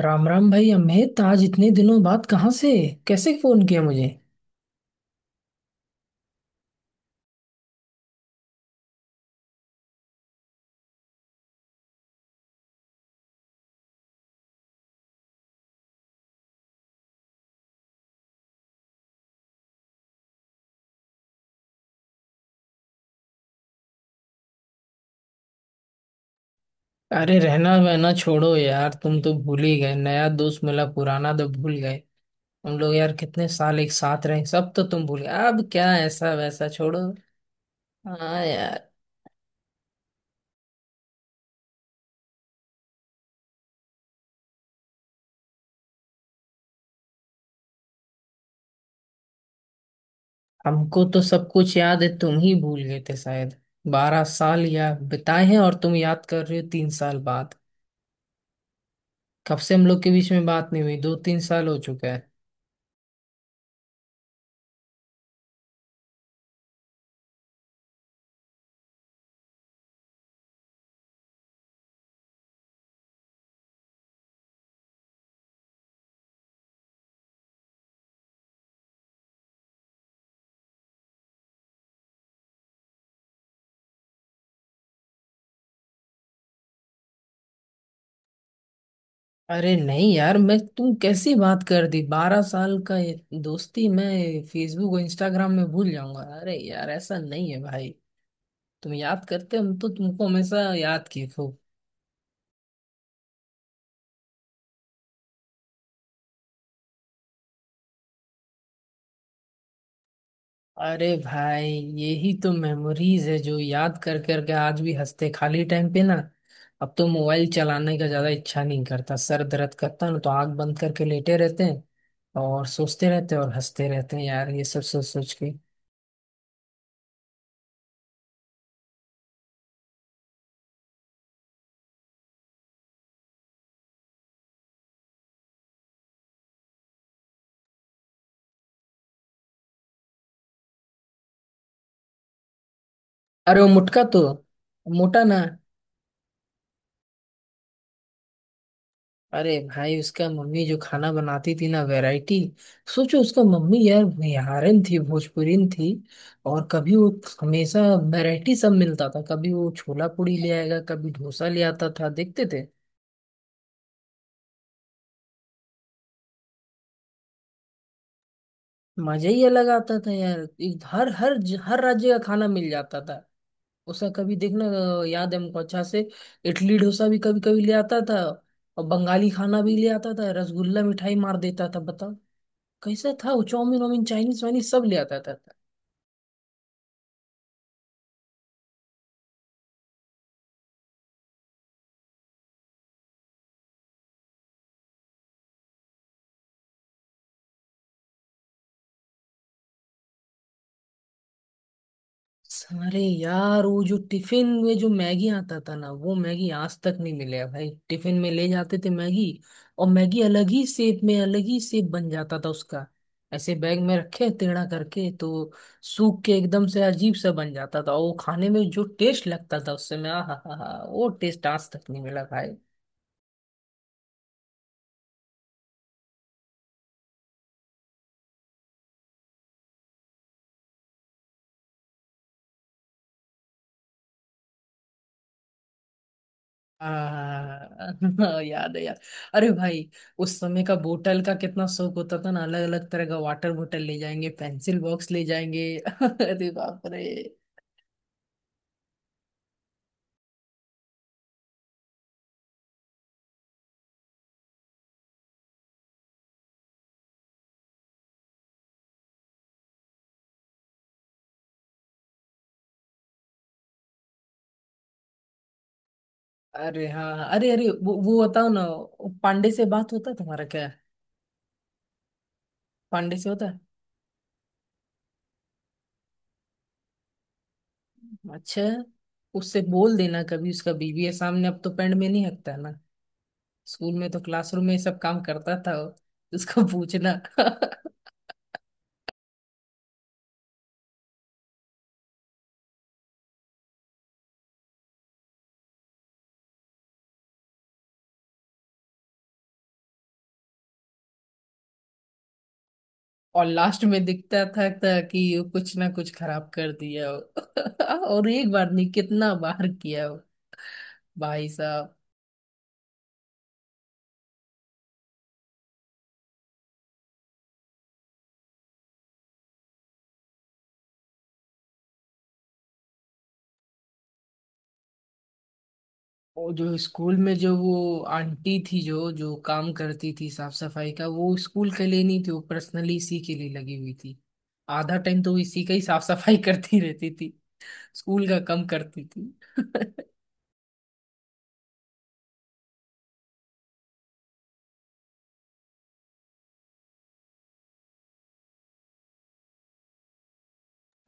राम राम भाई अमित। आज इतने दिनों बाद कहाँ से कैसे फोन किया मुझे? अरे रहना वहना छोड़ो यार। तुम तो भूल ही गए, नया दोस्त मिला, पुराना तो भूल गए। हम लोग यार कितने साल एक साथ रहे, सब तो तुम भूल गए। अब क्या ऐसा वैसा छोड़ो। हाँ यार, हमको तो सब कुछ याद है, तुम ही भूल गए थे शायद। बारह साल या बिताए हैं और तुम याद कर रहे हो 3 साल बाद। कब से हम लोग के बीच में बात नहीं हुई, 2 3 साल हो चुका है। अरे नहीं यार, मैं तुम कैसी बात कर दी, 12 साल का ये दोस्ती मैं फेसबुक और इंस्टाग्राम में भूल जाऊंगा? अरे यार ऐसा नहीं है भाई। तुम याद करते, हम तो तुमको हमेशा याद किए खूब। अरे भाई, यही तो मेमोरीज है जो याद कर करके आज भी हंसते खाली टाइम पे ना। अब तो मोबाइल चलाने का ज्यादा इच्छा नहीं करता, सर दर्द करता है ना, तो आंख बंद करके लेटे रहते हैं और सोचते रहते हैं और हंसते रहते हैं यार ये सब सोच सोच के। अरे वो मुटका तो, मोटा ना। अरे भाई, उसका मम्मी जो खाना बनाती थी ना, वैरायटी। सोचो, उसका मम्मी यार बिहारिन थी, भोजपुरीन थी। और कभी वो, हमेशा वैरायटी सब मिलता था। कभी वो छोला पूड़ी ले आएगा, कभी डोसा ले आता था, देखते थे। मजा ही अलग आता था यार। एक- हर हर हर राज्य का खाना मिल जाता था उसका, कभी देखना। याद है हमको अच्छा से। इडली डोसा भी कभी कभी ले आता था। और बंगाली खाना भी ले आता था, रसगुल्ला मिठाई मार देता था बताओ। कैसा था! वो चाउमीन वाउमीन, चाइनीज वाइनीज सब ले आता था। अरे यार, वो जो टिफिन में जो मैगी आता था ना, वो मैगी आज तक नहीं मिले है भाई। टिफिन में ले जाते थे मैगी, और मैगी अलग ही शेप में, अलग ही शेप बन जाता था उसका। ऐसे बैग में रखे टेढ़ा करके तो सूख के एकदम से अजीब सा बन जाता था, और वो खाने में जो टेस्ट लगता था, उससे मैं आहा हा हा, वो टेस्ट आज तक नहीं मिला भाई। हाँ याद है यार। अरे भाई, उस समय का बोतल का कितना शौक होता था ना। अलग अलग तरह का वाटर बोतल ले जाएंगे, पेंसिल बॉक्स ले जाएंगे अरे बाप रे। अरे हाँ, अरे अरे वो बताओ ना, वो पांडे से बात होता है तुम्हारा क्या? पांडे से होता है? अच्छा। उससे बोल देना कभी, उसका बीवी है सामने, अब तो पेंड में नहीं हकता ना। स्कूल में तो क्लासरूम में ये सब काम करता था वो। उसको पूछना और लास्ट में दिखता था कि वो कुछ ना कुछ खराब कर दिया हो। और एक बार नहीं, कितना बार किया हो। भाई साहब! और जो स्कूल में जो वो आंटी थी, जो जो काम करती थी साफ सफाई का, वो स्कूल के लिए नहीं थी, वो पर्सनली इसी के लिए लगी हुई थी। आधा टाइम तो वो इसी का ही साफ सफाई करती रहती थी। स्कूल का कम करती थी।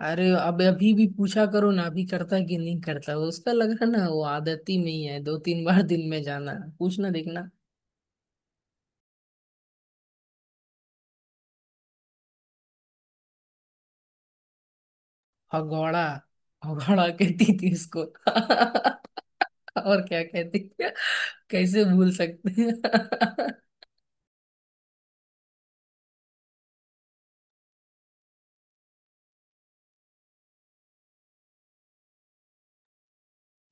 अरे, अब अभी भी पूछा करो ना, अभी करता है कि नहीं करता वो उसका। लग रहा ना, वो आदत ही में ही है, 2 3 बार दिन में जाना, पूछना, देखना। हगौड़ा, हगौड़ा कहती थी उसको और क्या कहती थी? कैसे भूल सकते हैं?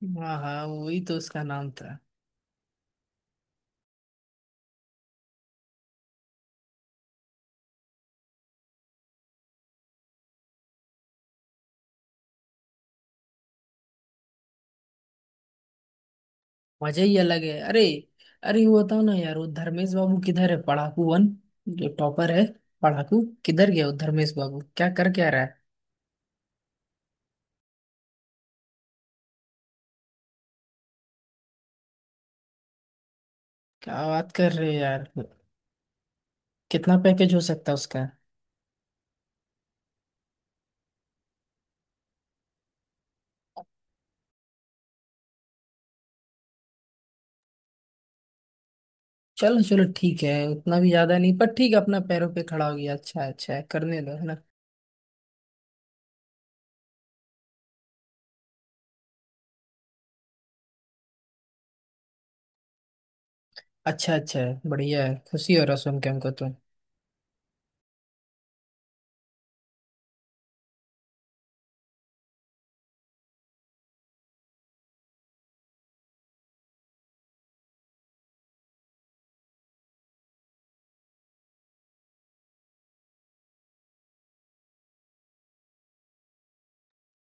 हाँ हाँ, वही तो उसका नाम था। मजा ही अलग है। अरे, अरे वो बताओ ना यार, वो धर्मेश बाबू किधर है? पढ़ाकू वन, जो टॉपर है, पढ़ाकू किधर गया वो? धर्मेश बाबू क्या कर क्या रहा है? क्या बात कर रहे हो यार! कितना पैकेज हो सकता है उसका? चलो चलो, ठीक है, उतना भी ज्यादा नहीं, पर ठीक है, अपना पैरों पे खड़ा हो गया, अच्छा है, अच्छा है, करने दो है ना। अच्छा, अच्छा है, बढ़िया है, खुशी हो रहा सुन के हमको तो।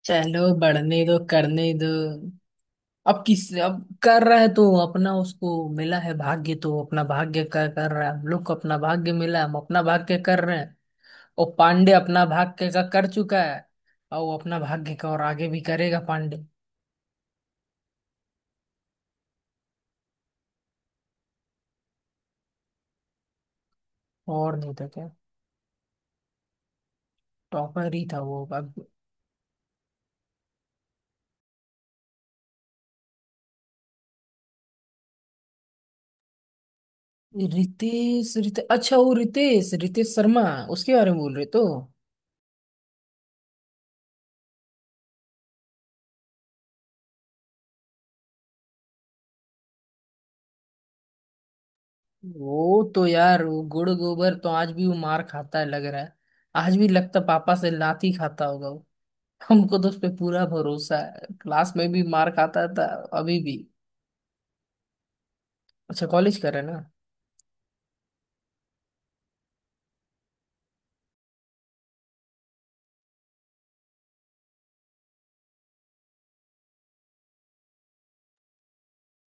चलो, बढ़ने दो, करने दो। अब किस, अब कर रहा है तो अपना, उसको मिला है भाग्य तो अपना भाग्य का कर रहा है। हम लोग को अपना भाग्य मिला, हम अपना भाग्य कर रहे हैं। और पांडे अपना भाग्य का कर चुका है, और वो अपना भाग्य का और आगे भी करेगा पांडे। और नहीं तो क्या, टॉपर ही था वो अब। रितेश? रितेश, अच्छा वो रितेश, रितेश शर्मा, उसके बारे में बोल रहे तो। वो तो यार, वो गुड़ गोबर तो आज भी वो मार खाता है लग रहा है। आज भी लगता पापा से लाठी खाता होगा वो। हमको तो उस पे पूरा भरोसा है, क्लास में भी मार खाता था। अभी भी? अच्छा कॉलेज कर रहे ना।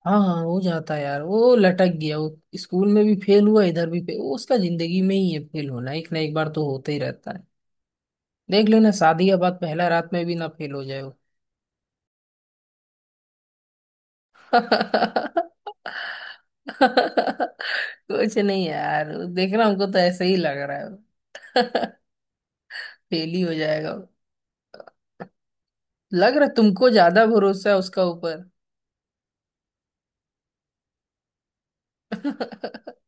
हाँ हाँ, हो जाता है यार, वो लटक गया। वो स्कूल में भी फेल हुआ, इधर भी फेल। वो उसका जिंदगी में ही है फेल होना, एक ना एक बार तो होता ही रहता है। देख लेना, शादी के बाद पहला रात में भी ना फेल हो जाए वो। कुछ नहीं यार, देखना, हमको तो ऐसे ही लग रहा है। फेल ही हो जाएगा वो। लग रहा तुमको ज्यादा भरोसा है उसका ऊपर।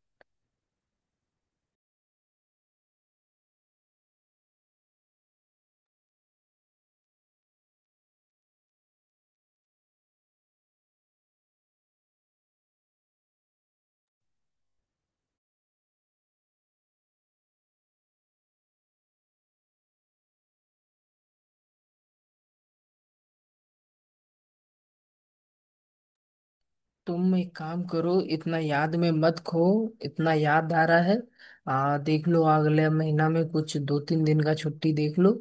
तुम एक काम करो, इतना याद में मत खो। इतना याद आ रहा है, आ देख लो अगले महीना में कुछ 2 3 दिन का छुट्टी देख लो।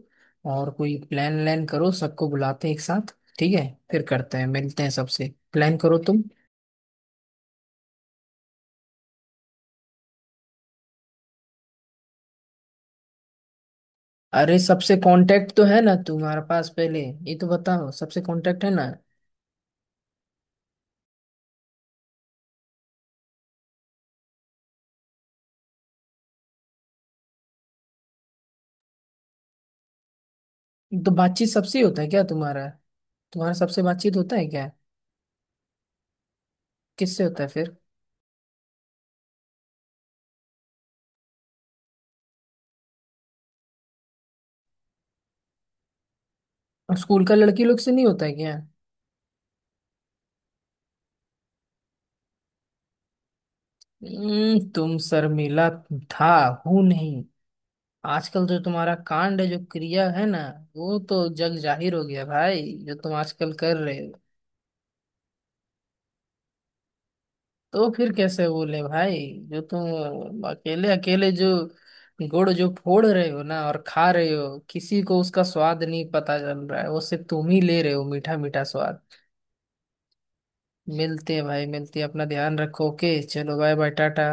और कोई प्लान व्लान करो, सबको बुलाते हैं एक साथ, ठीक है, फिर करते हैं, मिलते हैं सबसे। प्लान करो तुम। अरे सबसे कांटेक्ट तो है ना तुम्हारे पास पहले, ये तो बताओ, सबसे कांटेक्ट है ना? तो बातचीत सबसे ही होता है क्या तुम्हारा? तुम्हारा सबसे बातचीत होता है क्या? किससे होता है फिर? और स्कूल का लड़की लोग से नहीं होता है क्या? तुम शर्मिला था, हूं नहीं। आजकल जो तुम्हारा कांड है, जो क्रिया है ना, वो तो जग जाहिर हो गया भाई, जो तुम आजकल कर रहे हो। तो फिर कैसे बोले भाई, जो तुम अकेले अकेले जो गुड़ जो फोड़ रहे हो ना और खा रहे हो, किसी को उसका स्वाद नहीं पता चल रहा है, वो सिर्फ तुम ही ले रहे हो मीठा मीठा स्वाद। मिलते हैं भाई, मिलते हैं, अपना ध्यान रखो। ओके, चलो, बाय बाय, टाटा।